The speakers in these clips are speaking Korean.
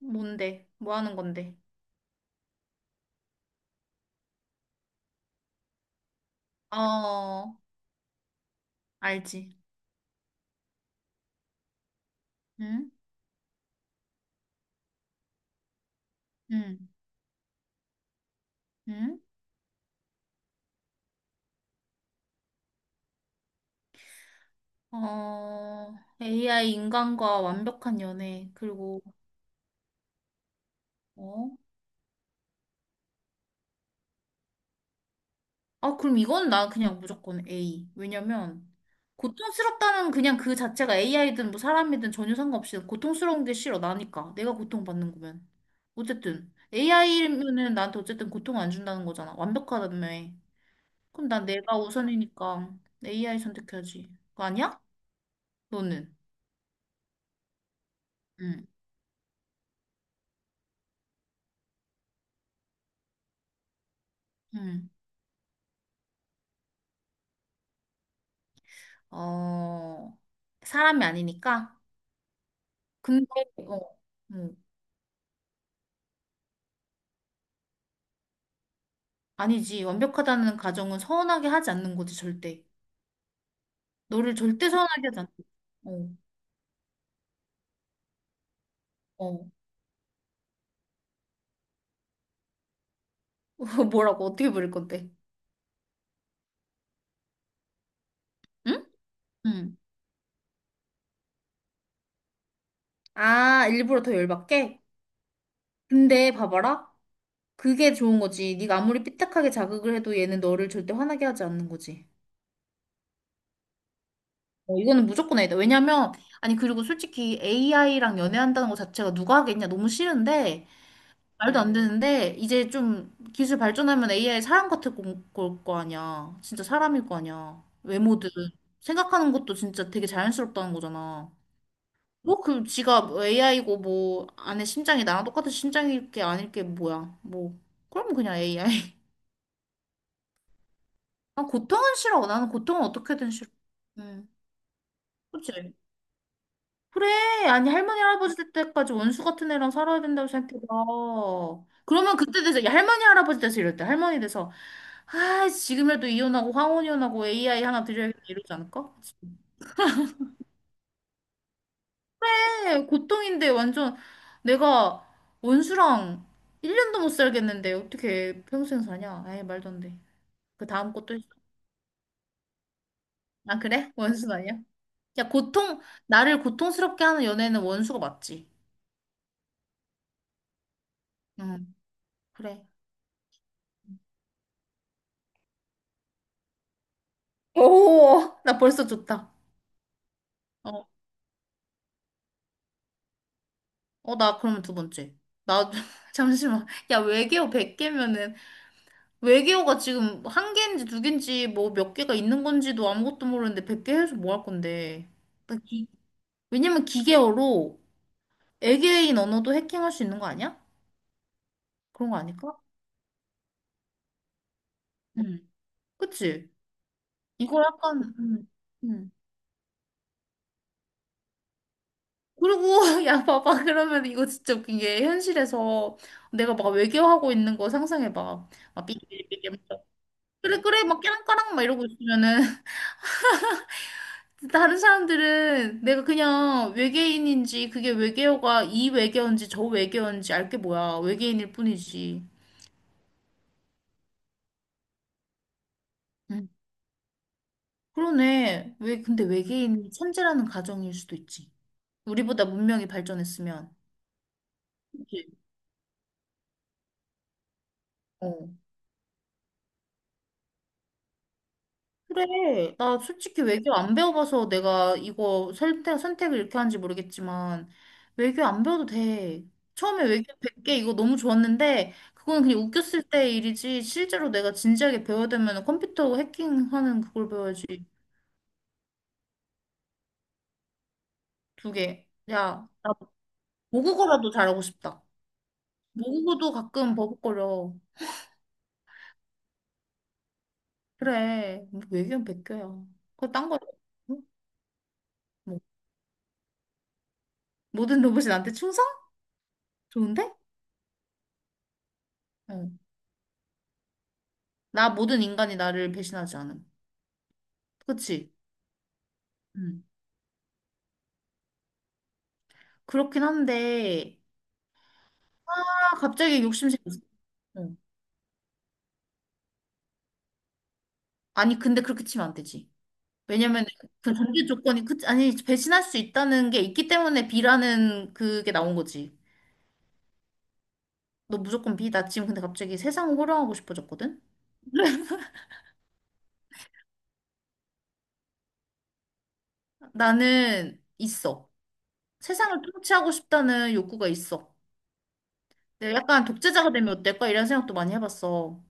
뭔데? 뭐 하는 건데? 어, 알지. 응? 응? 응? 어, AI 인간과 완벽한 연애. 그리고, 어? 아, 그럼 이건 나 그냥 무조건 A. 왜냐면, 고통스럽다는 그냥 그 자체가 AI든 뭐 사람이든 전혀 상관없이 고통스러운 게 싫어. 나니까. 내가 고통받는 거면. 어쨌든, AI면은 나한테 어쨌든 고통 안 준다는 거잖아. 완벽하다며. 그럼 난 내가 우선이니까 AI 선택해야지. 그거 아니야? 너는? 음, 음. 어, 사람이 아니니까. 근데, 어, 음. 아니지. 완벽하다는 가정은 서운하게 하지 않는 거지, 절대. 너를 절대 서운하게 하지 않는 거지. 어, 어. 뭐라고, 어떻게 부를 건데? 응? 응. 아, 일부러 더 열받게? 근데 봐봐라. 그게 좋은 거지. 네가 아무리 삐딱하게 자극을 해도 얘는 너를 절대 화나게 하지 않는 거지. 어, 이거는 무조건 A다. 왜냐면, 아니, 그리고 솔직히 AI랑 연애한다는 거 자체가 누가 하겠냐? 너무 싫은데, 말도 안 되는데 이제 좀 기술 발전하면 AI 사람 같을 걸거 아니야. 진짜 사람일 거 아니야. 외모든 생각하는 것도 진짜 되게 자연스럽다는 거잖아. 뭐 그 지가 AI고 뭐 안에 심장이 나랑 똑같은 심장일 게 아닐 게 뭐야. 뭐 그럼 그냥 AI. 난 고통은 싫어. 나는 고통은 어떻게든 싫어. 응. 그치? 그래. 아니, 할머니, 할아버지 될 때까지 원수 같은 애랑 살아야 된다고 생각해봐. 그러면 그때 돼서, 야, 할머니, 할아버지 돼서 이럴 때, 할머니 돼서, 아, 지금이라도 이혼하고, 황혼 이혼하고, AI 하나 드려야겠다, 이러지 않을까? 네, 고통인데, 완전, 내가 원수랑 1년도 못 살겠는데, 어떻게 평생 사냐? 에이, 말도 안 돼. 그 다음 것도 있어. 아, 그래? 원수는 아니야? 야, 고통, 나를 고통스럽게 하는 연애는 원수가 맞지. 응, 그래. 오, 나 벌써 좋다. 어. 어, 나 그러면 두 번째. 나, 잠시만. 야, 외계어 100개면은, 외계어가 지금 한 개인지 두 개인지 뭐 몇 개가 있는 건지도 아무것도 모르는데 100개 해서 뭐 할 건데. 나 기, 왜냐면 기계어로 외계인 언어도 해킹할 수 있는 거 아니야? 그런 거 아닐까? 응. 그치? 이걸 약간, 음. 그리고, 야, 봐봐. 그러면 이거 진짜 웃긴 게, 현실에서 내가 막 외계어 하고 있는 거 상상해봐. 막 삐삐삐삐. 그래, 그래. 막 깨랑까랑 막 이러고 있으면은, 다른 사람들은 내가 그냥 외계인인지 그게 외계어가 이 외계어인지 저 외계어인지 알 게 뭐야. 외계인일 뿐이지. 응. 그러네. 왜 근데 외계인이 천재라는 가정일 수도 있지. 우리보다 문명이 발전했으면. 그치? 어. 그래. 나 솔직히 외교 안 배워봐서 내가 이거 선택을 이렇게 하는지 모르겠지만, 외교 안 배워도 돼. 처음에 외교 100개 이거 너무 좋았는데, 그거는 그냥 웃겼을 때 일이지, 실제로 내가 진지하게 배워야 되면 컴퓨터 해킹하는 그걸 배워야지. 두 개. 야, 나 모국어라도 잘하고 싶다. 모국어도 가끔 버벅거려. 그래. 외교는 1개야. 그거 딴 거. 응? 뭐. 모든 로봇이 나한테 충성? 좋은데? 어. 나 모든 인간이 나를 배신하지 않음. 그치? 음. 그렇긴 한데, 아, 갑자기 욕심 생겼어. 아니, 근데 그렇게 치면 안 되지. 왜냐면 그 전제 조건이, 그, 아니, 배신할 수 있다는 게 있기 때문에 B라는 그게 나온 거지. 너 무조건 B. 나 지금 근데 갑자기 세상을 호령하고 싶어졌거든? 나는 있어. 세상을 통치하고 싶다는 욕구가 있어. 내가 약간 독재자가 되면 어떨까? 이런 생각도 많이 해봤어.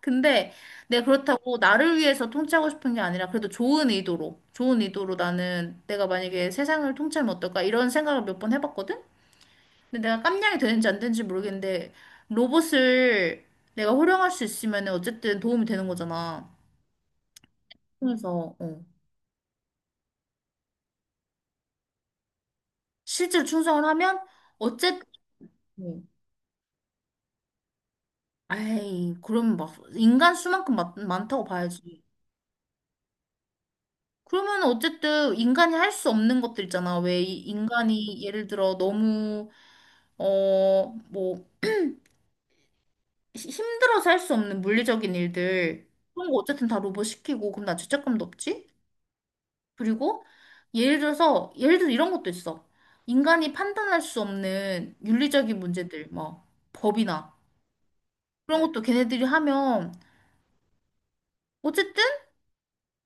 근데 내가 그렇다고 나를 위해서 통치하고 싶은 게 아니라 그래도 좋은 의도로, 좋은 의도로 나는 내가 만약에 세상을 통치하면 어떨까 이런 생각을 몇 번 해봤거든? 근데 내가 깜냥이 되는지 안 되는지 모르겠는데 로봇을 내가 활용할 수 있으면 어쨌든 도움이 되는 거잖아. 그래서 어. 실제로 충성을 하면 어쨌든 아이 그럼 막 인간 수만큼 많다고 봐야지. 그러면 어쨌든 인간이 할 수 없는 것들 있잖아. 왜 인간이 예를 들어 너무 어, 뭐, 힘들어서 할 수 없는 물리적인 일들, 그런 거 어쨌든 다 로봇 시키고, 그럼 나 죄책감도 없지? 그리고, 예를 들어서, 예를 들어 이런 것도 있어. 인간이 판단할 수 없는 윤리적인 문제들, 뭐, 법이나, 그런 것도 걔네들이 하면, 어쨌든,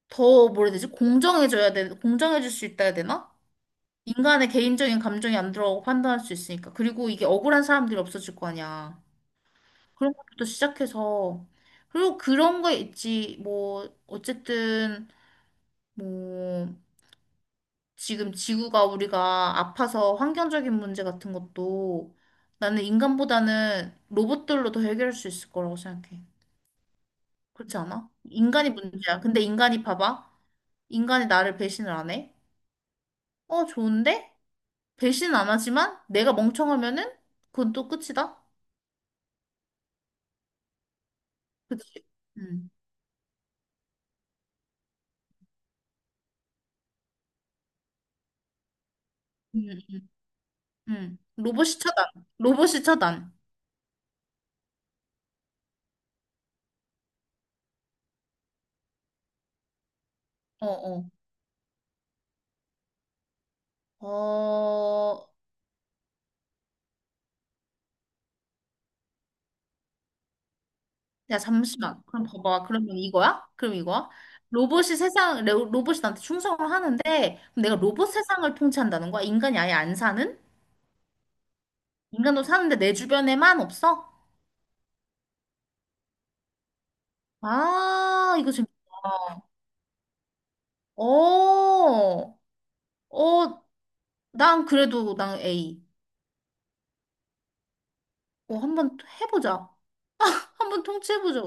더, 뭐라 해야 되지? 공정해져야 돼, 공정해질 수 있다 해야 되나? 인간의 개인적인 감정이 안 들어가고 판단할 수 있으니까. 그리고 이게 억울한 사람들이 없어질 거 아니야. 그런 것부터 시작해서 그리고 그런 거 있지 뭐 어쨌든 뭐 지금 지구가 우리가 아파서 환경적인 문제 같은 것도 나는 인간보다는 로봇들로 더 해결할 수 있을 거라고 생각해. 그렇지 않아? 인간이 문제야. 근데 인간이 봐봐. 인간이 나를 배신을 안 해. 어, 좋은데? 배신 안 하지만 내가 멍청하면은 그건 또 끝이다. 그치? 응. 응. 응. 응. 로봇이 차단. 로봇이 차단. 어어. 어, 야, 잠시만. 그럼 봐봐. 그러면 이거야? 그럼 이거야? 로봇이 세상, 로봇이 나한테 충성을 하는데, 그럼 내가 로봇 세상을 통치한다는 거야? 인간이 아예 안 사는? 인간도 사는데 내 주변에만 없어? 아, 이거 재밌다. 어, 어, 난 그래도 난 A. 어, 한번 해보자. 한번 통치해보자.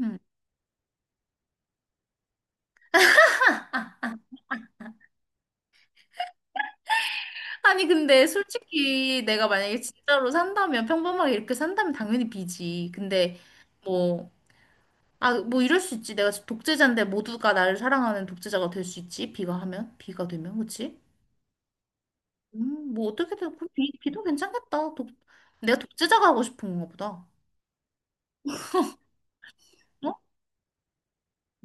음. 아니, 근데 솔직히 내가 만약에 진짜로 산다면, 평범하게 이렇게 산다면 당연히 B지. 근데, 뭐, 아, 뭐 이럴 수 있지. 내가 독재자인데 모두가 나를 사랑하는 독재자가 될 수 있지. 비가 되면, 그치? 뭐 어떻게든 그 비도 괜찮겠다. 내가 독재자가 하고 싶은 건가 보다. 어?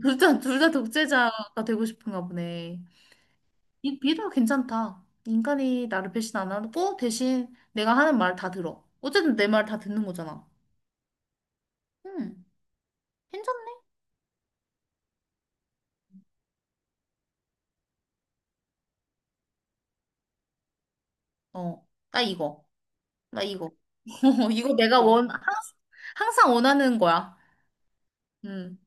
둘 다 독재자가 되고 싶은가 보네. 이 비도 괜찮다. 인간이 나를 배신 안 하고 대신 내가 하는 말 다 들어. 어쨌든 내 말 다 듣는 거잖아. 음, 괜찮네. 어, 나 이거. 이거 내가 항상 항상 원하는 거야. 음,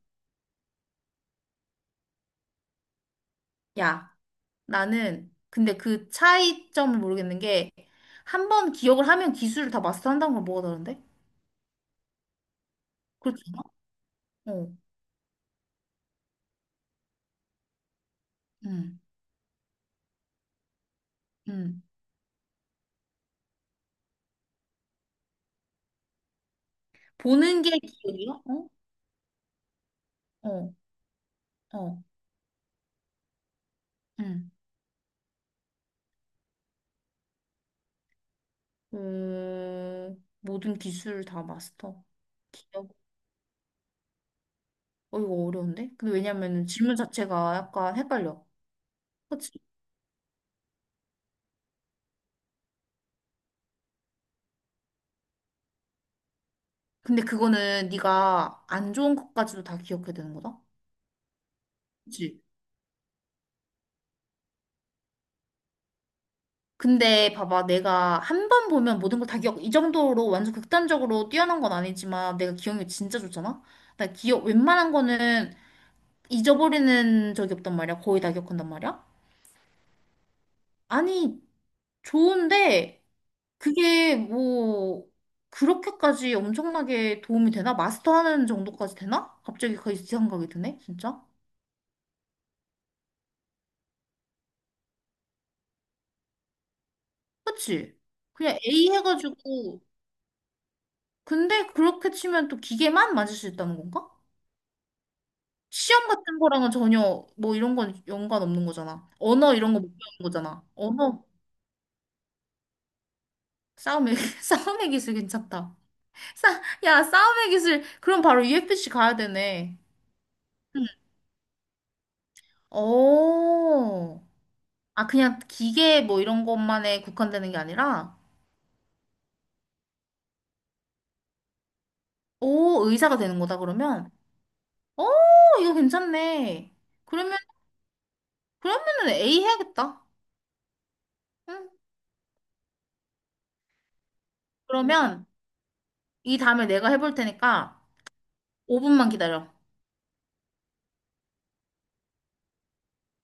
야. 나는 근데 그 차이점을 모르겠는 게 한 번 기억을 하면 기술을 다 마스터한다는 건 뭐가 다른데? 그렇지 않아? 어, 음, 음. 보는 게 기억이야? 어, 어, 어, 음. 모든 기술을 다 마스터. 기억? 어, 이거 어려운데? 근데 왜냐면 질문 자체가 약간 헷갈려. 그치? 근데 그거는 네가 안 좋은 것까지도 다 기억해야 되는 거다? 그치? 근데 봐봐, 내가 한 번 보면 모든 걸 다 기억, 이 정도로 완전 극단적으로 뛰어난 건 아니지만 내가 기억력이 진짜 좋잖아? 나 기억, 웬만한 거는 잊어버리는 적이 없단 말이야. 거의 다 기억한단 말이야. 아니, 좋은데 그게 뭐 그렇게까지 엄청나게 도움이 되나? 마스터하는 정도까지 되나? 갑자기 그 생각이 드네, 진짜. 그치? 그냥 A 해가지고 근데 그렇게 치면 또 기계만 맞을 수 있다는 건가? 시험 같은 거랑은 전혀 뭐 이런 건 연관 없는 거잖아. 언어 이런 거 못 배우는 거잖아. 언어 싸움의 싸움의 기술 괜찮다. 야, 싸움의 기술 그럼 바로 UFC 가야 되네. 응. 오. 아, 그냥 기계 뭐 이런 것만에 국한되는 게 아니라 오, 의사가 되는 거다 그러면. 오, 이거 괜찮네. 그러면 그러면은 A 해야겠다. 응. 그러면 이 다음에 내가 해볼 테니까 5분만 기다려.